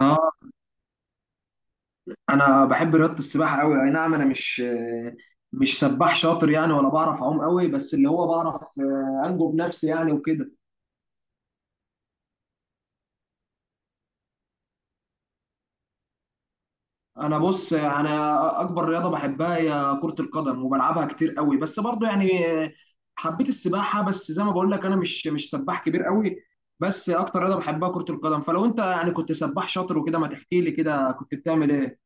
اه، انا بحب رياضه السباحه قوي. اي نعم، انا مش سباح شاطر يعني، ولا بعرف اعوم قوي، بس اللي هو بعرف انجو بنفسي يعني وكده. انا بص، انا اكبر رياضه بحبها هي كره القدم، وبلعبها كتير قوي، بس برضو يعني حبيت السباحه. بس زي ما بقول لك انا مش سباح كبير قوي، بس اكتر رياضه بحبها كره القدم. فلو انت يعني كنت سباح شاطر وكده، ما تحكي لي كده كنت بتعمل ايه؟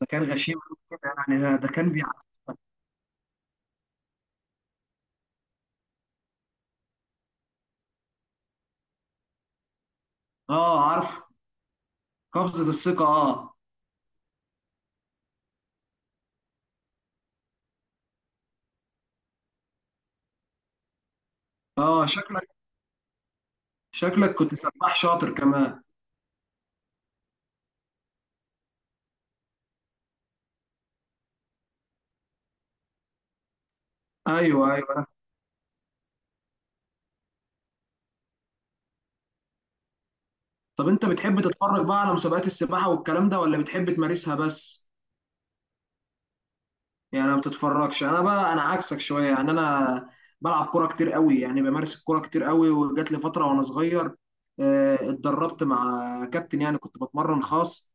ده كان غشيم كده. يعني ده كان بيع. اه عارف. قفزه الثقه، اه. اه شكله، شكلك كنت سباح شاطر كمان. ايوه، ايوه. طب انت بتحب تتفرج بقى على مسابقات السباحه والكلام ده، ولا بتحب تمارسها بس؟ يعني ما بتتفرجش. انا بقى انا عكسك شويه يعني، انا بلعب كوره كتير قوي، يعني بمارس الكوره كتير قوي، وجات لي فتره وانا صغير اتدربت مع كابتن، يعني كنت بتمرن خاص.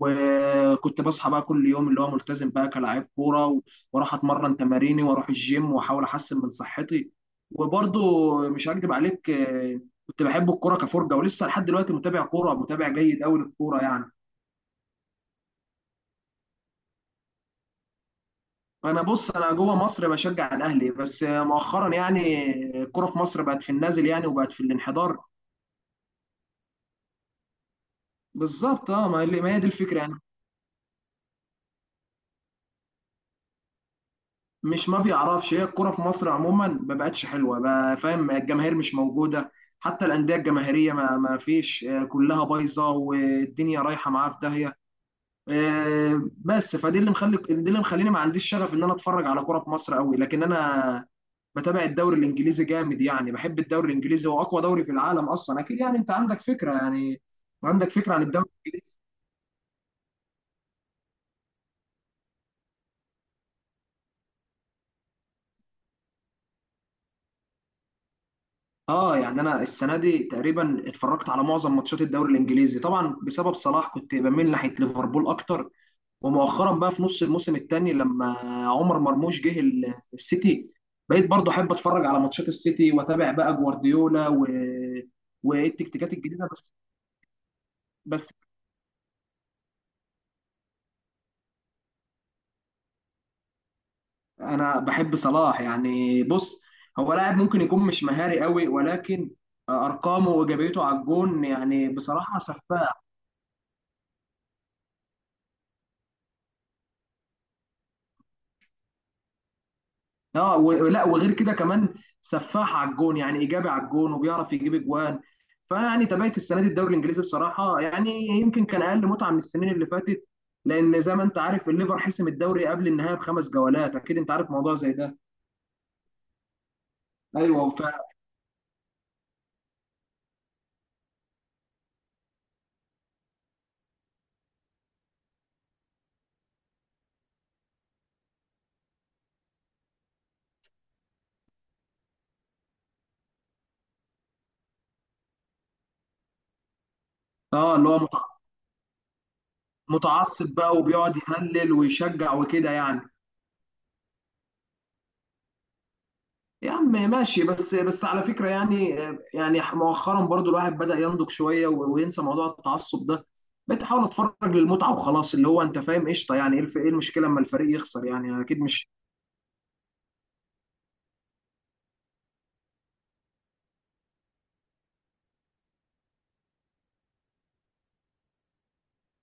وكنت بصحى بقى كل يوم، اللي هو ملتزم بقى كلاعب كوره واروح اتمرن تماريني واروح الجيم واحاول احسن من صحتي. وبرضو مش هكدب عليك كنت بحب الكوره كفرجه، ولسه لحد دلوقتي متابع كوره، متابع جيد قوي للكوره يعني. انا بص، انا جوه مصر بشجع الاهلي، بس مؤخرا يعني الكوره في مصر بقت في النازل يعني، وبقت في الانحدار. بالظبط، اه. ما هي دي الفكره يعني. مش ما بيعرفش، هي الكوره في مصر عموما ما بقتش حلوه بقى، فاهم؟ الجماهير مش موجوده، حتى الانديه الجماهيريه ما فيش كلها بايظه، والدنيا رايحه معاها في داهيه بس فدي اللي مخلي دي اللي مخليني ما عنديش شغف ان انا اتفرج على كوره في مصر قوي. لكن انا بتابع الدوري الانجليزي جامد، يعني بحب الدوري الانجليزي، هو اقوى دوري في العالم اصلا، اكيد يعني انت عندك فكره يعني. عندك فكره عن الدوري الانجليزي. اه يعني انا السنه دي تقريبا اتفرجت على معظم ماتشات الدوري الانجليزي، طبعا بسبب صلاح كنت بميل ناحيه ليفربول اكتر. ومؤخرا بقى في نص الموسم الثاني، لما عمر مرموش جه السيتي، بقيت برضه احب اتفرج على ماتشات السيتي، واتابع بقى جوارديولا والتكتيكات الجديده. بس بس انا بحب صلاح يعني. بص، هو لاعب ممكن يكون مش مهاري قوي، ولكن ارقامه وايجابيته على الجون، يعني بصراحه سفاحه. اه، ولا وغير كده كمان، سفاح على الجون، يعني ايجابي على الجون وبيعرف يجيب اجوان. فيعني تابعت السنه دي الدوري الانجليزي بصراحه، يعني يمكن كان اقل متعه من السنين اللي فاتت، لان زي ما انت عارف الليفر حسم الدوري قبل النهايه بخمس جولات، اكيد انت عارف موضوع زي ده. ايوه وفعلا. اه، اللي هو متعصب بقى، وبيقعد يهلل ويشجع وكده يعني. يا عم ماشي، بس بس على فكرة يعني، يعني مؤخرا برضو الواحد بدأ ينضج شوية وينسى موضوع التعصب ده. بقيت احاول اتفرج للمتعة وخلاص، اللي هو انت فاهم، قشطة. يعني ايه إيه المشكلة اما الفريق يخسر؟ يعني اكيد مش.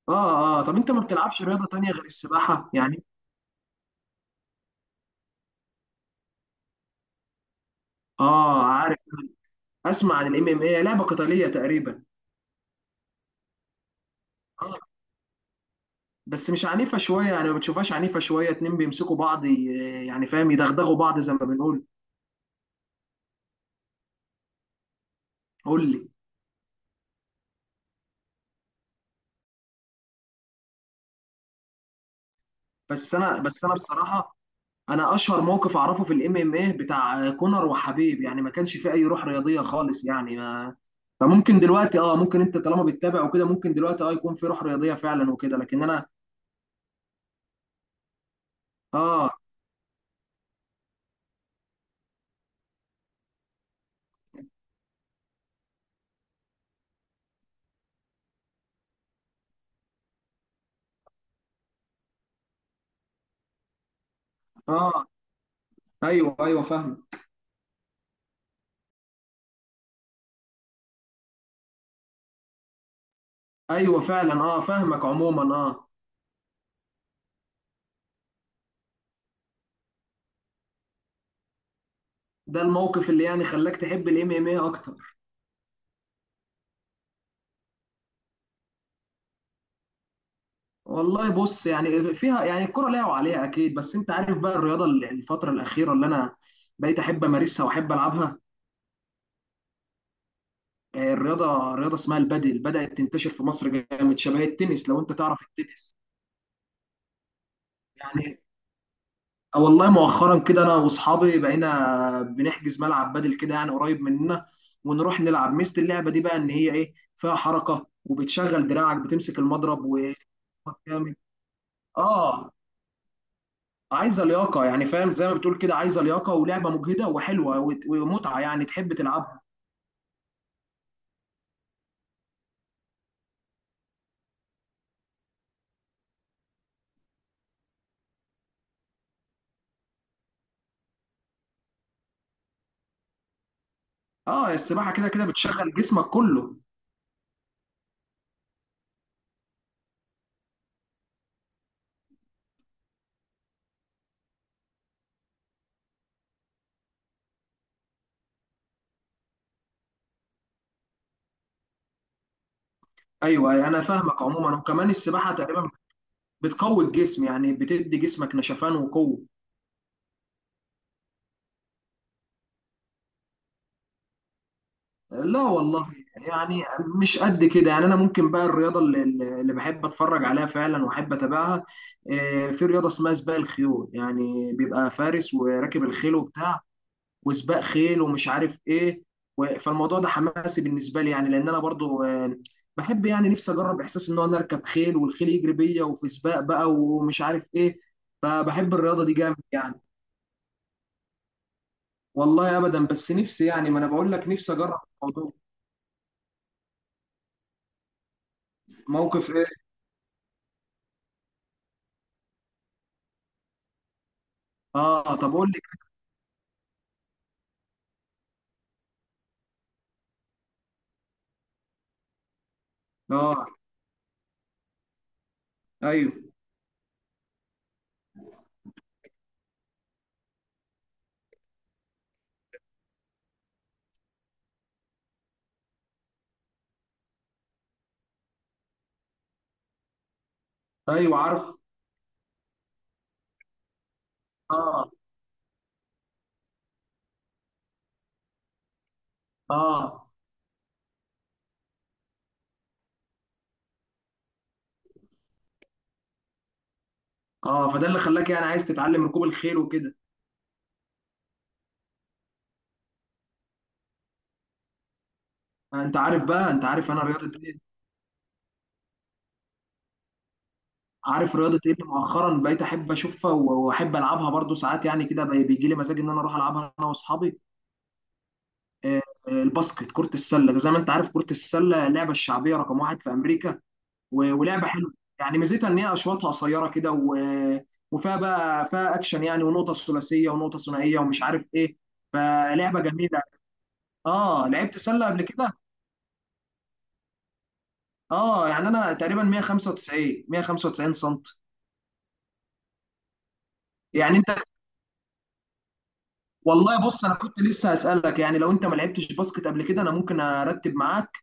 اه اه، طب انت ما بتلعبش رياضة تانية غير السباحة يعني؟ اه عارف، اسمع عن الام ام اي، لعبة قتالية تقريبا. اه، بس مش عنيفة شوية يعني؟ ما بتشوفهاش عنيفة شوية، اتنين بيمسكوا بعض يعني فاهم، يدغدغوا بعض زي ما بنقول. قول لي. بس انا، بس انا بصراحة انا اشهر موقف اعرفه في الام ام ايه بتاع كونر وحبيب، يعني ما كانش فيه اي روح رياضيه خالص يعني، ما. فممكن دلوقتي اه، ممكن انت طالما بتتابع وكده، ممكن دلوقتي اه يكون في روح رياضيه فعلا وكده، لكن انا. اه اه، ايوه ايوه فاهم. ايوه فعلا اه فاهمك، عموما. اه، ده الموقف اللي يعني خلاك تحب الام ام ايه اكتر؟ والله بص، يعني فيها يعني الكرة ليها وعليها اكيد، بس انت عارف بقى الرياضه الفتره الاخيره اللي انا بقيت احب امارسها واحب العبها الرياضه، رياضه اسمها البادل، بدات تنتشر في مصر جامد، شبه التنس لو انت تعرف التنس يعني والله مؤخرا كده انا واصحابي بقينا بنحجز ملعب بادل كده يعني، قريب مننا، ونروح نلعب. ميزه اللعبه دي بقى ان هي ايه، فيها حركه وبتشغل دراعك بتمسك المضرب وجامد. اه، عايزه لياقه يعني، فاهم، زي ما بتقول كده عايزه لياقه، ولعبه مجهده وحلوه ومتعه، يعني تحب تلعبها. اه، السباحه كده كده بتشغل جسمك كله. ايوه انا فاهمك عموما، وكمان السباحه تقريبا بتقوي الجسم، يعني بتدي جسمك نشفان وقوة. لا والله. يعني مش قد كده يعني، انا ممكن بقى الرياضة اللي بحب اتفرج عليها فعلا واحب اتابعها في رياضة اسمها سباق الخيول، يعني بيبقى فارس وراكب الخيل وبتاع، وسباق خيل ومش عارف ايه، فالموضوع ده حماسي بالنسبة لي يعني، لان انا برضو بحب يعني، نفسي اجرب احساس ان انا اركب خيل والخيل يجري بيا وفي سباق بقى ومش عارف ايه، فبحب الرياضة دي جامد يعني. والله ابدا، بس نفسي يعني، ما انا بقول لك نفسي اجرب الموضوع. موقف ايه؟ اه طب قول لي. اه، ايوه ايوه عارف. اه اه اه، فده اللي خلاك يعني عايز تتعلم ركوب الخيل وكده. انت عارف بقى، انت عارف انا رياضه ايه، عارف رياضه ايه اللي مؤخرا بقيت احب اشوفها واحب العبها برضو ساعات يعني كده، بيجي لي مزاج ان انا اروح العبها انا واصحابي. آه، الباسكت، كره السله، زي ما انت عارف كره السله اللعبه الشعبيه رقم واحد في امريكا ولعبه حلوه. يعني ميزتها ان هي اشواطها قصيره كده وفيها بقى فيها اكشن يعني، ونقطه ثلاثيه ونقطه ثنائيه ومش عارف ايه، فلعبه جميله. اه لعبت سله قبل كده؟ اه يعني انا تقريبا 195 195 سم. يعني انت والله بص، انا كنت لسه هسالك يعني، لو انت ما لعبتش باسكت قبل كده، انا ممكن ارتب معاك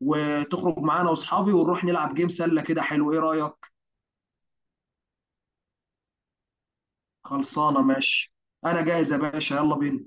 وتخرج معانا واصحابي ونروح نلعب جيم سله كده، حلو؟ ايه رايك؟ خلصانه ماشي، انا جاهز يا باشا يلا بينا.